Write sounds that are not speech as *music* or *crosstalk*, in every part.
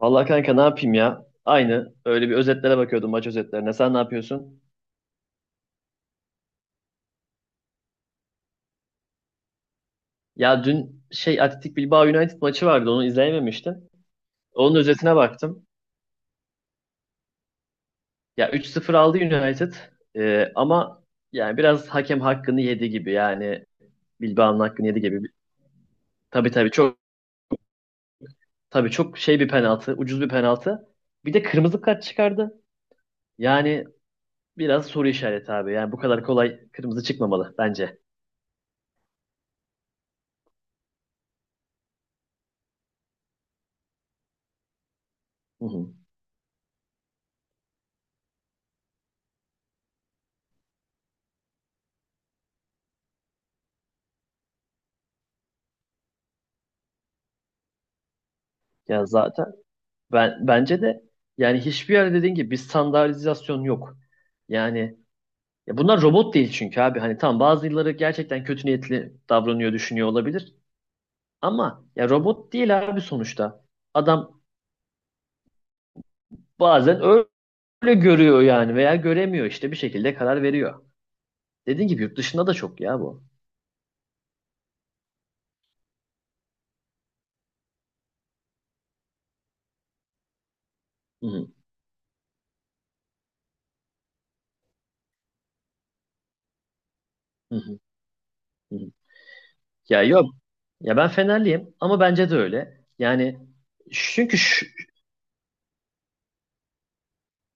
Vallahi kanka ne yapayım ya? Aynı. Öyle bir özetlere bakıyordum maç özetlerine. Sen ne yapıyorsun? Ya dün Athletic Bilbao United maçı vardı. Onu izleyememiştim. Onun özetine baktım. Ya 3-0 aldı United. Ama yani biraz hakem hakkını yedi gibi. Yani Bilbao'nun hakkını yedi gibi. Tabii çok tabii çok bir penaltı. Ucuz bir penaltı. Bir de kırmızı kart çıkardı. Yani biraz soru işareti abi. Yani bu kadar kolay kırmızı çıkmamalı bence. Hı hı. Ya zaten Ben bence de yani hiçbir yerde dediğin gibi bir standartizasyon yok. Yani ya bunlar robot değil çünkü abi. Hani tamam bazıları gerçekten kötü niyetli davranıyor, düşünüyor olabilir. Ama ya robot değil abi sonuçta. Adam bazen öyle görüyor yani veya göremiyor işte bir şekilde karar veriyor. Dediğin gibi yurt dışında da çok ya bu. Hı hı, hı hı, hı hı. Ya yok. Ya ben Fenerliyim ama bence de öyle. Yani çünkü şu,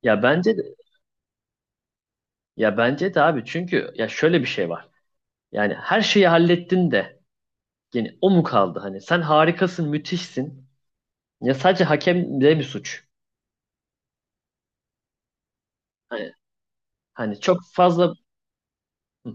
ya bence de ya bence de abi çünkü ya şöyle bir şey var. Yani her şeyi hallettin de yani o mu kaldı hani? Sen harikasın, müthişsin. Ya sadece hakem de mi suç. Hani, hani çok fazla Hı,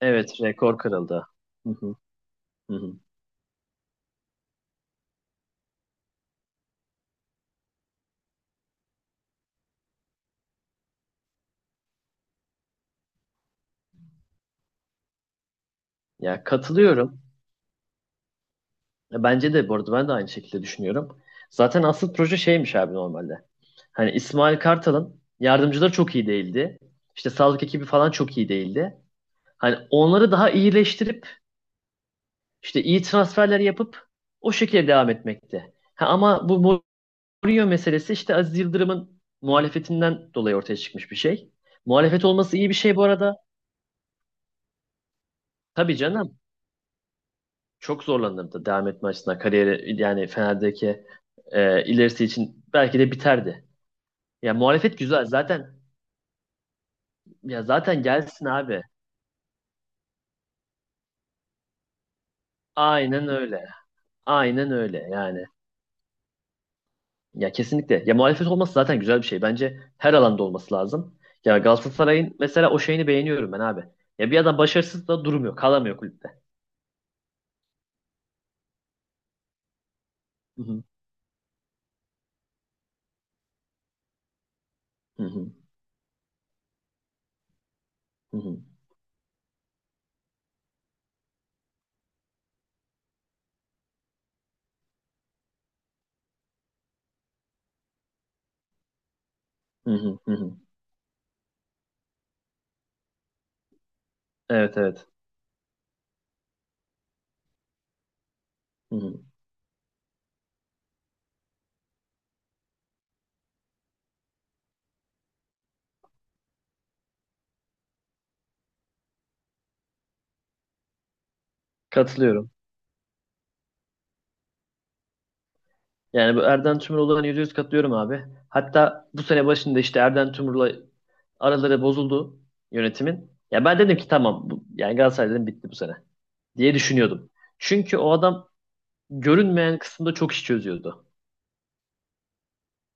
evet rekor kırıldı. Hı hı, hı hı. Ya katılıyorum. Ya bence de bu arada ben de aynı şekilde düşünüyorum. Zaten asıl proje şeymiş abi normalde. Hani İsmail Kartal'ın yardımcıları çok iyi değildi. İşte sağlık ekibi falan çok iyi değildi. Hani onları daha iyileştirip işte iyi transferler yapıp o şekilde devam etmekti. Ha, ama bu Rio meselesi işte Aziz Yıldırım'ın muhalefetinden dolayı ortaya çıkmış bir şey. Muhalefet olması iyi bir şey bu arada. Tabii canım. Çok zorlanırdı devam etme açısından. Kariyeri yani Fener'deki ilerisi için belki de biterdi. Ya muhalefet güzel zaten ya zaten gelsin abi. Aynen öyle. Aynen öyle yani. Ya kesinlikle. Ya muhalefet olması zaten güzel bir şey. Bence her alanda olması lazım. Ya Galatasaray'ın mesela o şeyini beğeniyorum ben abi. Ya bir adam başarısız da durmuyor, kalamıyor kulüpte. Hı hı. Hı hı. Hı hı. Hı hı, hı hı. Evet evet. Hı hı. Katılıyorum. Yani bu Erden Tümrüloğlu'na olan %100 katılıyorum abi. Hatta bu sene başında işte Erden Tümrüloğlu araları bozuldu yönetimin. Ya ben dedim ki tamam bu, yani Galatasaray dedim bitti bu sene diye düşünüyordum. Çünkü o adam görünmeyen kısımda çok iş çözüyordu.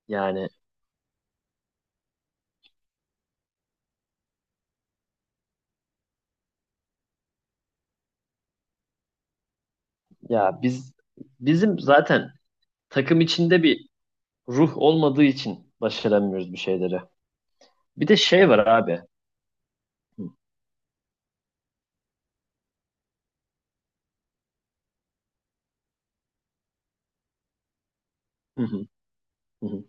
Yani ya biz bizim zaten takım içinde bir ruh olmadığı için başaramıyoruz bir şeyleri. Bir de şey var abi. Hı hı, hı hı.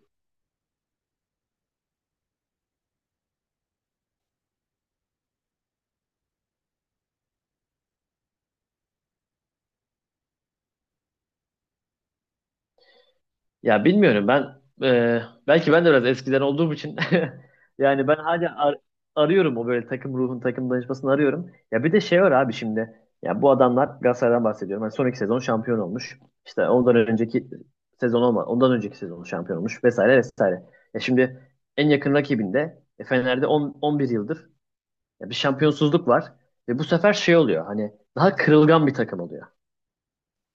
Bilmiyorum ben e, belki ben de biraz eskiden olduğum için *laughs* yani ben arıyorum o böyle takım ruhun takım danışmasını arıyorum. Ya bir de şey var abi şimdi ya bu adamlar Galatasaray'dan bahsediyorum. Hani son iki sezon şampiyon olmuş. İşte ondan önceki sezon şampiyon olmuş vesaire vesaire. Ya şimdi En yakın rakibinde Fener'de 10, 11 yıldır ya bir şampiyonsuzluk var ve bu sefer şey oluyor hani daha kırılgan bir takım oluyor.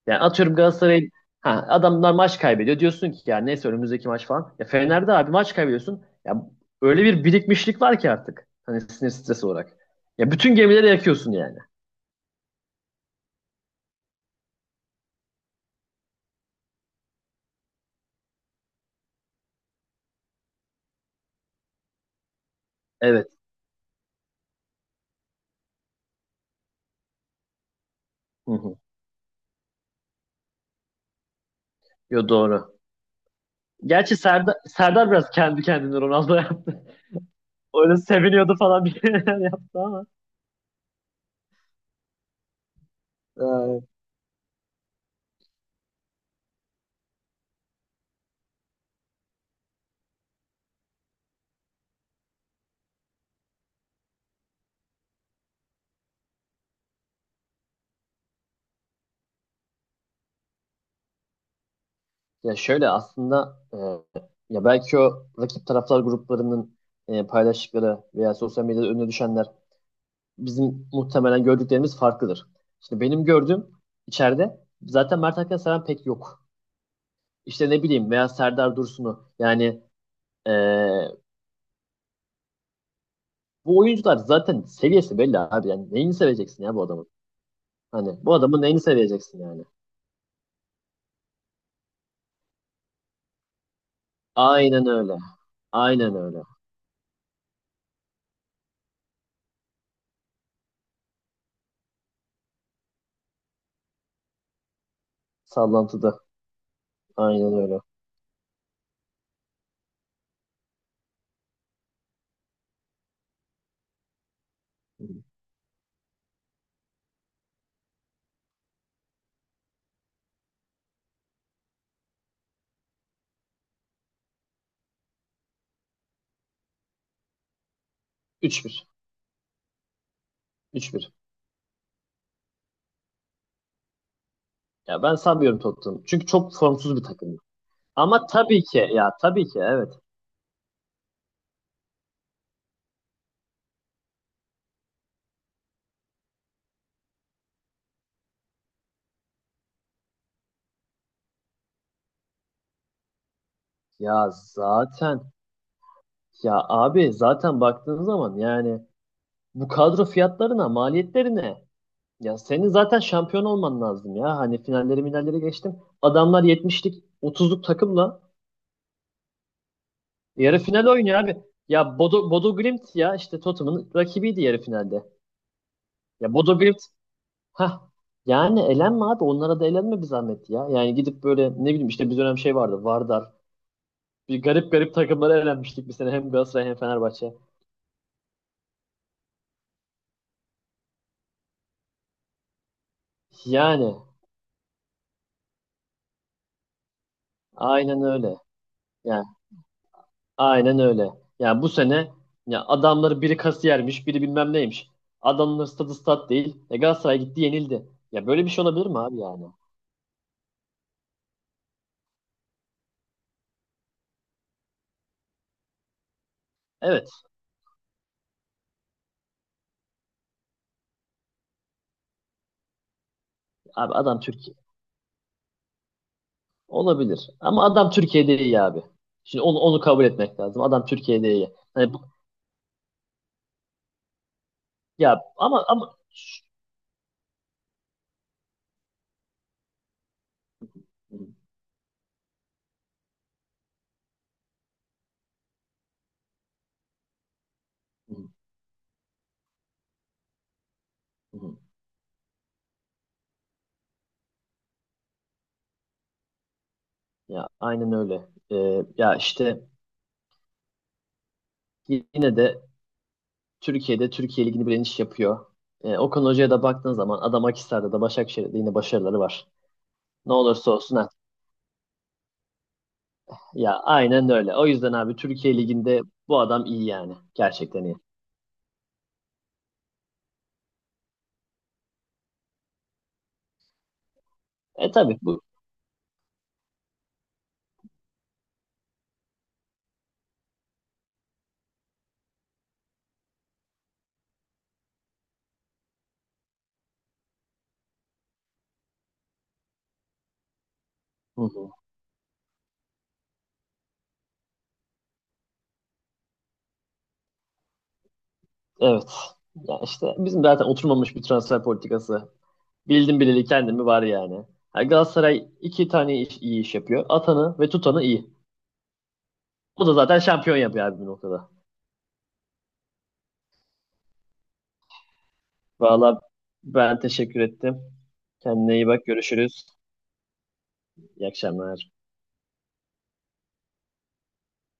Yani atıyorum Galatasaray ha, adamlar maç kaybediyor. Diyorsun ki ya neyse önümüzdeki maç falan. Ya Fener'de abi maç kaybediyorsun. Ya öyle bir birikmişlik var ki artık. Hani sinir stresi olarak. Ya bütün gemileri yakıyorsun yani. Evet. Hı hı. Yo doğru. Gerçi Serdar biraz kendi kendine Ronaldo yaptı. *laughs* Öyle seviniyordu falan bir şeyler yaptı ama. Ee, Ya şöyle aslında ya belki o rakip taraftar gruplarının paylaştıkları veya sosyal medyada önüne düşenler bizim muhtemelen gördüklerimiz farklıdır. Şimdi benim gördüğüm içeride zaten Mert Hakan seven pek yok. İşte ne bileyim veya Serdar Dursun'u yani eee, bu oyuncular zaten seviyesi belli abi. Yani neyini seveceksin ya bu adamın? Hani bu adamın neyini seveceksin yani? Aynen öyle. Aynen öyle. Sallantıda. Aynen öyle. Üç bir. Üç bir. Ya ben sanmıyorum Tottenham. Çünkü çok formsuz bir takım. Ama tabii ki ya tabii ki evet. Ya zaten Ya abi zaten baktığın zaman yani bu kadro fiyatlarına, maliyetlerine ya senin zaten şampiyon olman lazım ya. Hani finalleri minalleri geçtim. Adamlar 70'lik otuzluk takımla yarı final oynuyor abi. Ya Bodo Glimt ya işte Tottenham'ın rakibiydi yarı finalde. Ya Bodo Glimt ha Yani elenme abi onlara da elenme bir zahmet ya. Yani gidip böyle ne bileyim işte bir dönem şey vardı Vardar. Bir garip garip takımlara elenmiştik bir sene hem Galatasaray hem Fenerbahçe. Yani aynen öyle. Yani aynen öyle. Yani bu sene ya adamları biri kasiyermiş, biri bilmem neymiş. Adamların stadı stat değil. E Galatasaray gitti yenildi. Ya böyle bir şey olabilir mi abi yani? Evet. Abi adam Türkiye. Olabilir. Ama adam Türkiye'de iyi abi. Şimdi onu kabul etmek lazım. Adam Türkiye'de iyi. Hani bu- ya ama ama Şşş. Hı, hı, hı. Ya aynen öyle. Ya işte yine de Türkiye'de Türkiye Ligi'ni bilen iş yapıyor. Okan Hoca'ya da baktığın zaman adam Akhisar'da da Başakşehir'de de yine başarıları var. Ne olursa olsun at. Ya aynen öyle. O yüzden abi Türkiye Ligi'nde bu adam iyi yani. Gerçekten iyi. E tabii bu. Hı hı. Evet. Ya işte bizim zaten oturmamış bir transfer politikası. Bildim bileli kendimi var yani. Ha, Galatasaray iyi iş yapıyor. Atanı ve tutanı iyi. O da zaten şampiyon yapıyor abi bir noktada. Valla ben teşekkür ettim. Kendine iyi bak. Görüşürüz. İyi akşamlar.